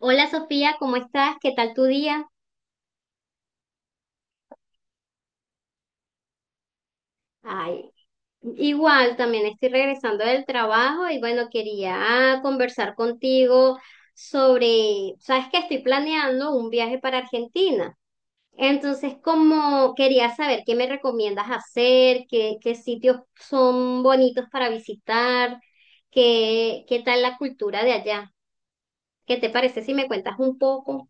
Hola Sofía, ¿cómo estás? ¿Qué tal tu día? Ay, igual también estoy regresando del trabajo y bueno, quería conversar contigo sobre, sabes que estoy planeando un viaje para Argentina. Entonces, como quería saber qué me recomiendas hacer, qué sitios son bonitos para visitar, qué tal la cultura de allá. ¿Qué te parece si me cuentas un poco?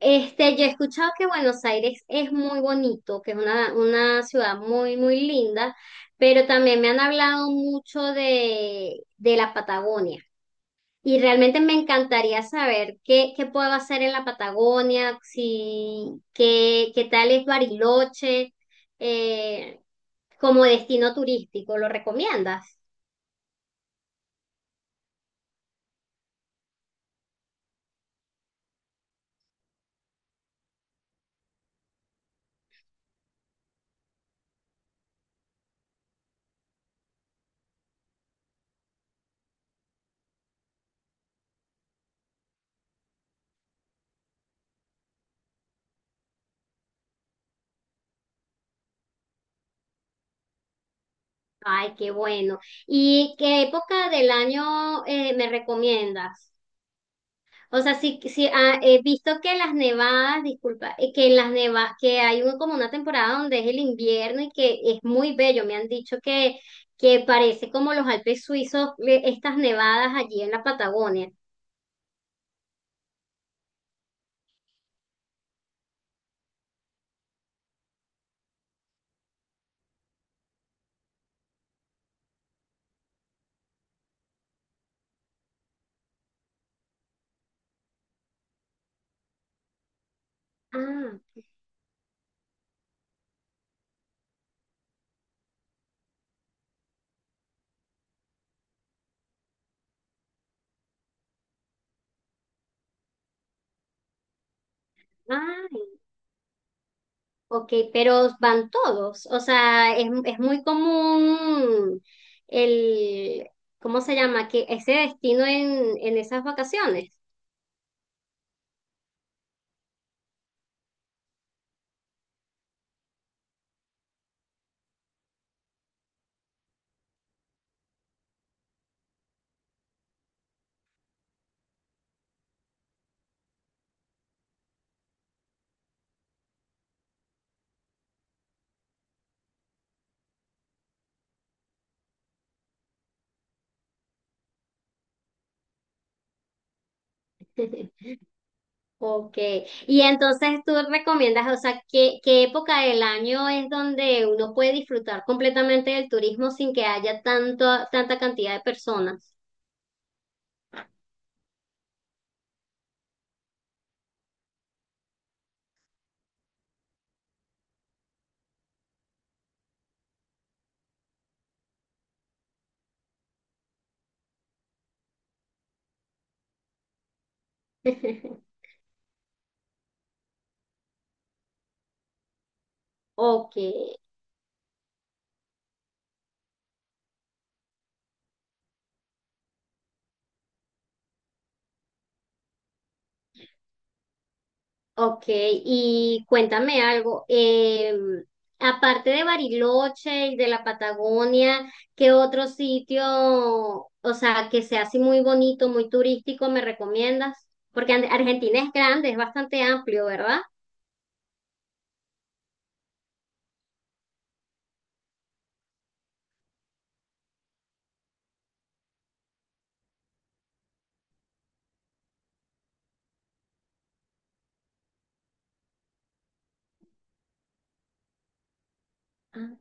Este, yo he escuchado que Buenos Aires es muy bonito, que es una ciudad muy, muy linda, pero también me han hablado mucho de la Patagonia. Y realmente me encantaría saber qué, qué puedo hacer en la Patagonia, si, qué tal es Bariloche, eh, como destino turístico. ¿Lo recomiendas? Ay, qué bueno. ¿Y qué época del año me recomiendas? O sea, sí, sí he visto que las nevadas, disculpa, que en las nevadas, que hay como una temporada donde es el invierno y que es muy bello. Me han dicho que parece como los Alpes suizos, estas nevadas allí en la Patagonia. Ah, ah, ok, pero van todos. O sea, es muy común el, ¿cómo se llama? Que ese destino en esas vacaciones. Ok, y entonces tú recomiendas, o sea, ¿qué, qué época del año es donde uno puede disfrutar completamente del turismo sin que haya tanto, tanta cantidad de personas? Ok, ok, y cuéntame algo, aparte de Bariloche y de la Patagonia, ¿qué otro sitio, o sea, que sea así muy bonito, muy turístico, me recomiendas? Porque Argentina es grande, es bastante amplio, ¿verdad? Ah,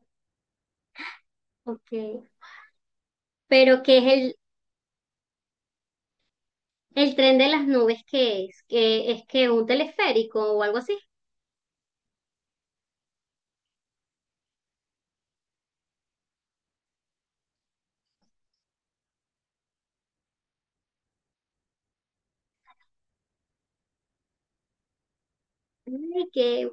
ok. Pero ¿qué es el tren de las nubes? ¿Qué es? ¿Que es que un teleférico o algo así? Ay, que,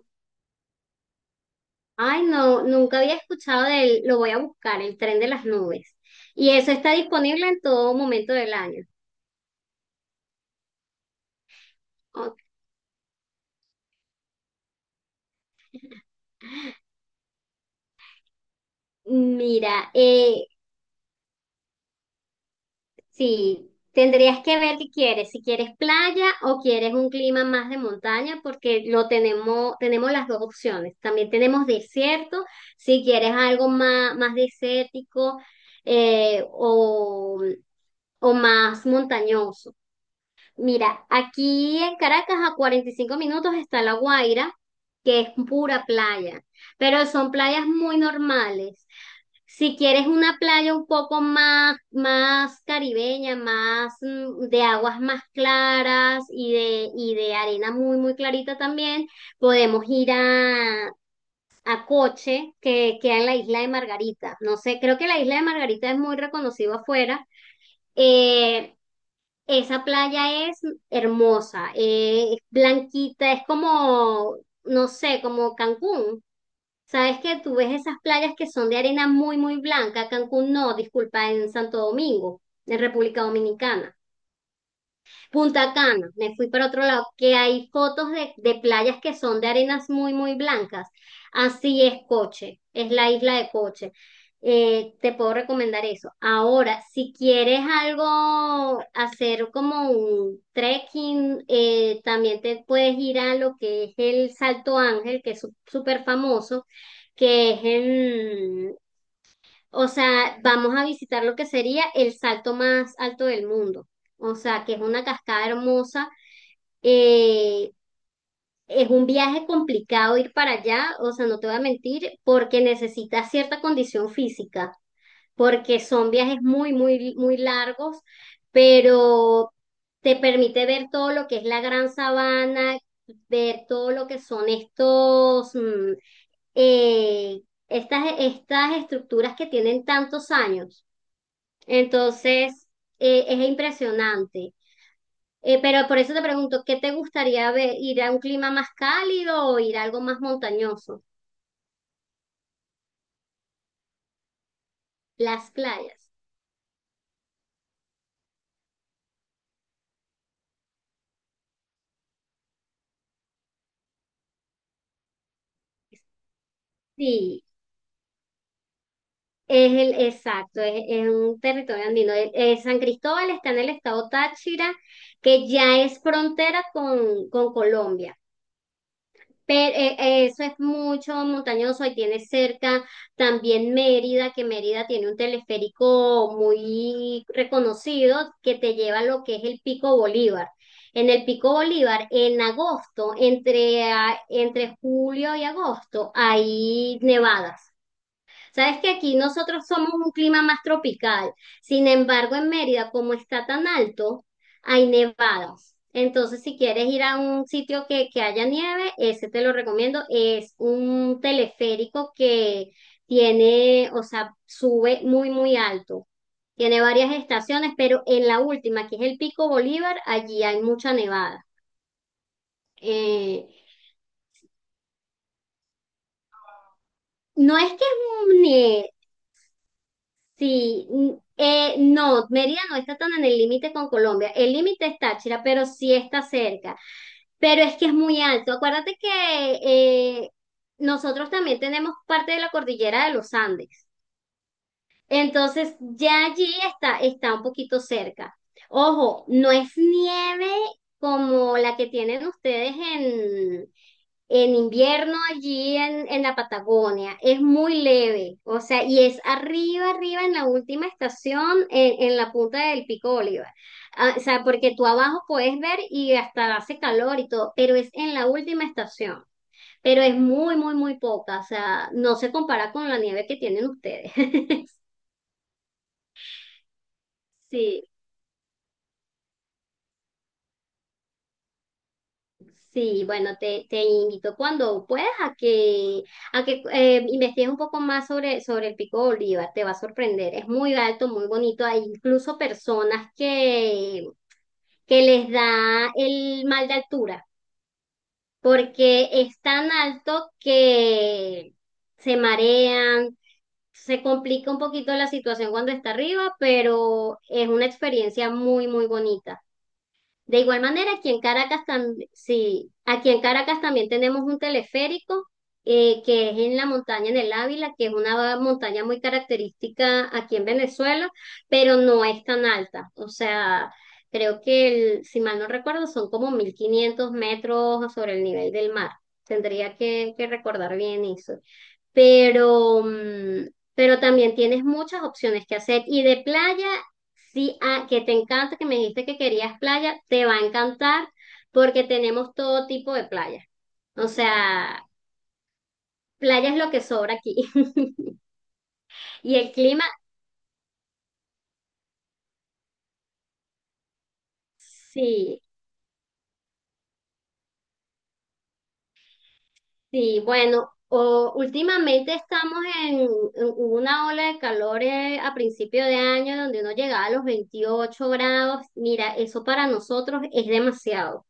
ay, no, nunca había escuchado de él, lo voy a buscar, el tren de las nubes. Y eso está disponible en todo momento del año. Ok. Mira, sí, tendrías que ver qué quieres, si quieres playa o quieres un clima más de montaña, porque lo tenemos, tenemos las dos opciones. También tenemos desierto, si quieres algo más, más desértico eh, o, o más montañoso. Mira, aquí en Caracas a 45 minutos está La Guaira, que es pura playa, pero son playas muy normales. Si quieres una playa un poco más, más caribeña, más de aguas más claras y de arena muy, muy clarita también, podemos ir a Coche, que queda en la isla de Margarita. No sé, creo que la isla de Margarita es muy reconocida afuera. Eh, Esa playa es hermosa, es blanquita, es como, no sé, como Cancún. Sabes que tú ves esas playas que son de arena muy, muy blanca. Cancún no, disculpa, en Santo Domingo, en República Dominicana. Punta Cana, me fui para otro lado, que hay fotos de playas que son de arenas muy, muy blancas. Así es Coche, es la isla de Coche. Te puedo recomendar eso. Ahora, si quieres algo, hacer como un trekking, también te puedes ir a lo que es el Salto Ángel, que es súper famoso, que es en, o sea, vamos a visitar lo que sería el salto más alto del mundo. O sea, que es una cascada hermosa. eh, es un viaje complicado ir para allá, o sea, no te voy a mentir, porque necesitas cierta condición física porque son viajes muy, muy, muy largos, pero te permite ver todo lo que es la gran sabana, ver todo lo que son estos, eh, estas, estas estructuras que tienen tantos años. Entonces, es impresionante. Pero por eso te pregunto, ¿qué te gustaría ver? ¿Ir a un clima más cálido o ir a algo más montañoso? Las playas. Sí, es el, exacto, es un territorio andino. San Cristóbal está en el estado Táchira, que ya es frontera con Colombia. Pero eso es mucho montañoso y tiene cerca también Mérida, que Mérida tiene un teleférico muy reconocido que te lleva a lo que es el Pico Bolívar. En el Pico Bolívar, en agosto, entre julio y agosto, hay nevadas. Sabes que aquí nosotros somos un clima más tropical. Sin embargo, en Mérida, como está tan alto, hay nevadas. Entonces, si quieres ir a un sitio que haya nieve, ese te lo recomiendo. Es un teleférico que tiene, o sea, sube muy, muy alto. Tiene varias estaciones, pero en la última, que es el Pico Bolívar, allí hay mucha nevada. Eh, no es que es un nieve. Sí, no, Mérida no está tan en el límite con Colombia. El límite es Táchira, pero sí está cerca. Pero es que es muy alto. Acuérdate que eh, nosotros también tenemos parte de la cordillera de los Andes. Entonces ya allí está, está un poquito cerca. Ojo, no es nieve como la que tienen ustedes en invierno allí en la Patagonia. Es muy leve, o sea, y es arriba, arriba en la última estación, en la punta del Pico Bolívar. Ah, o sea, porque tú abajo puedes ver y hasta hace calor y todo, pero es en la última estación. Pero es muy, muy, muy poca, o sea, no se compara con la nieve que tienen ustedes. Sí, sí, bueno, te invito cuando puedas a que investigues un poco más sobre, sobre el Pico Bolívar, te va a sorprender, es muy alto, muy bonito, hay incluso personas que les da el mal de altura, porque es tan alto que se marean, se complica un poquito la situación cuando está arriba, pero es una experiencia muy, muy bonita. De igual manera, aquí en Caracas también, sí, aquí en Caracas también tenemos un teleférico que es en la montaña, en el Ávila, que es una montaña muy característica aquí en Venezuela, pero no es tan alta. O sea, creo que, si mal no recuerdo, son como 1.500 metros sobre el nivel del mar. Tendría que recordar bien eso pero, pero también tienes muchas opciones que hacer. Y de playa, sí, ah, que te encanta, que me dijiste que querías playa, te va a encantar porque tenemos todo tipo de playa. O sea, playa es lo que sobra aquí. Y el clima, sí, sí, bueno. O, últimamente estamos en una ola de calor a principio de año donde uno llegaba a los 28 grados. Mira, eso para nosotros es demasiado.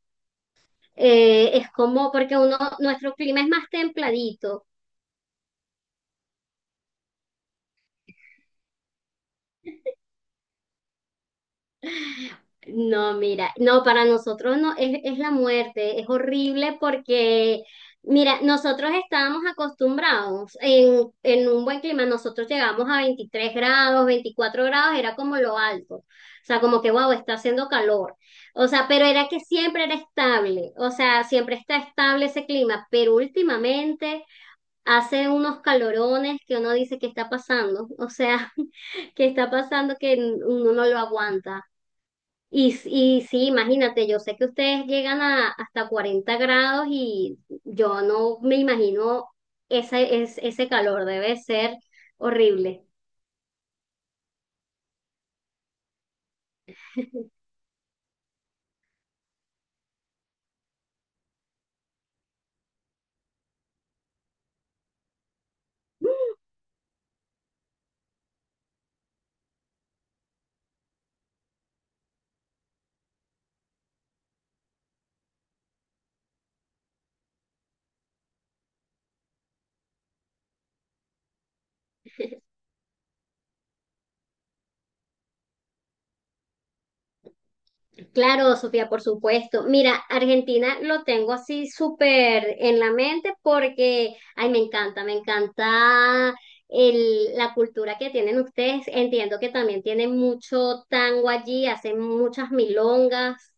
Es como porque uno, nuestro clima es más templadito. No, mira, no, para nosotros no, es la muerte, es horrible porque, mira, nosotros estábamos acostumbrados en un buen clima, nosotros llegamos a 23 grados, 24 grados, era como lo alto, o sea, como que, wow, está haciendo calor, o sea, pero era que siempre era estable, o sea, siempre está estable ese clima, pero últimamente hace unos calorones que uno dice ¿que está pasando? O sea, ¿que está pasando? Que uno no lo aguanta. Y sí, imagínate, yo sé que ustedes llegan a hasta 40 grados y yo no me imagino ese, ese calor, debe ser horrible. Claro, Sofía, por supuesto. Mira, Argentina lo tengo así súper en la mente porque, ay, me encanta la cultura que tienen ustedes. Entiendo que también tienen mucho tango allí, hacen muchas milongas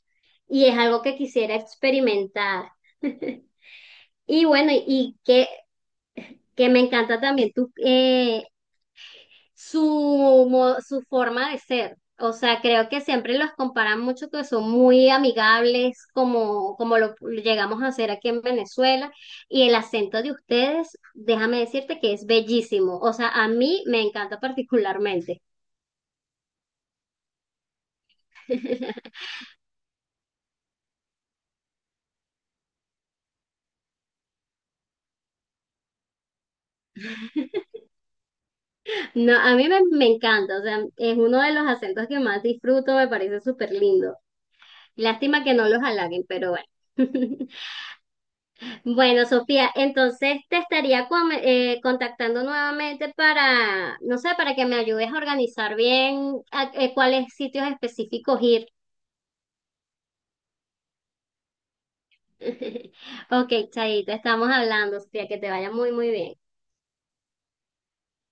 y es algo que quisiera experimentar. Y bueno, y que me encanta también tu, su forma de ser. O sea, creo que siempre los comparan mucho que son muy amigables, como, como lo llegamos a hacer aquí en Venezuela. Y el acento de ustedes, déjame decirte que es bellísimo. O sea, a mí me encanta particularmente. No, a mí me, me encanta. O sea, es uno de los acentos que más disfruto, me parece súper lindo. Lástima que no los halaguen, pero bueno. Bueno, Sofía, entonces te estaría contactando nuevamente para, no sé, para que me ayudes a organizar bien cuáles sitios específicos ir. Ok, Chaito, estamos hablando, Sofía, que te vaya muy, muy bien.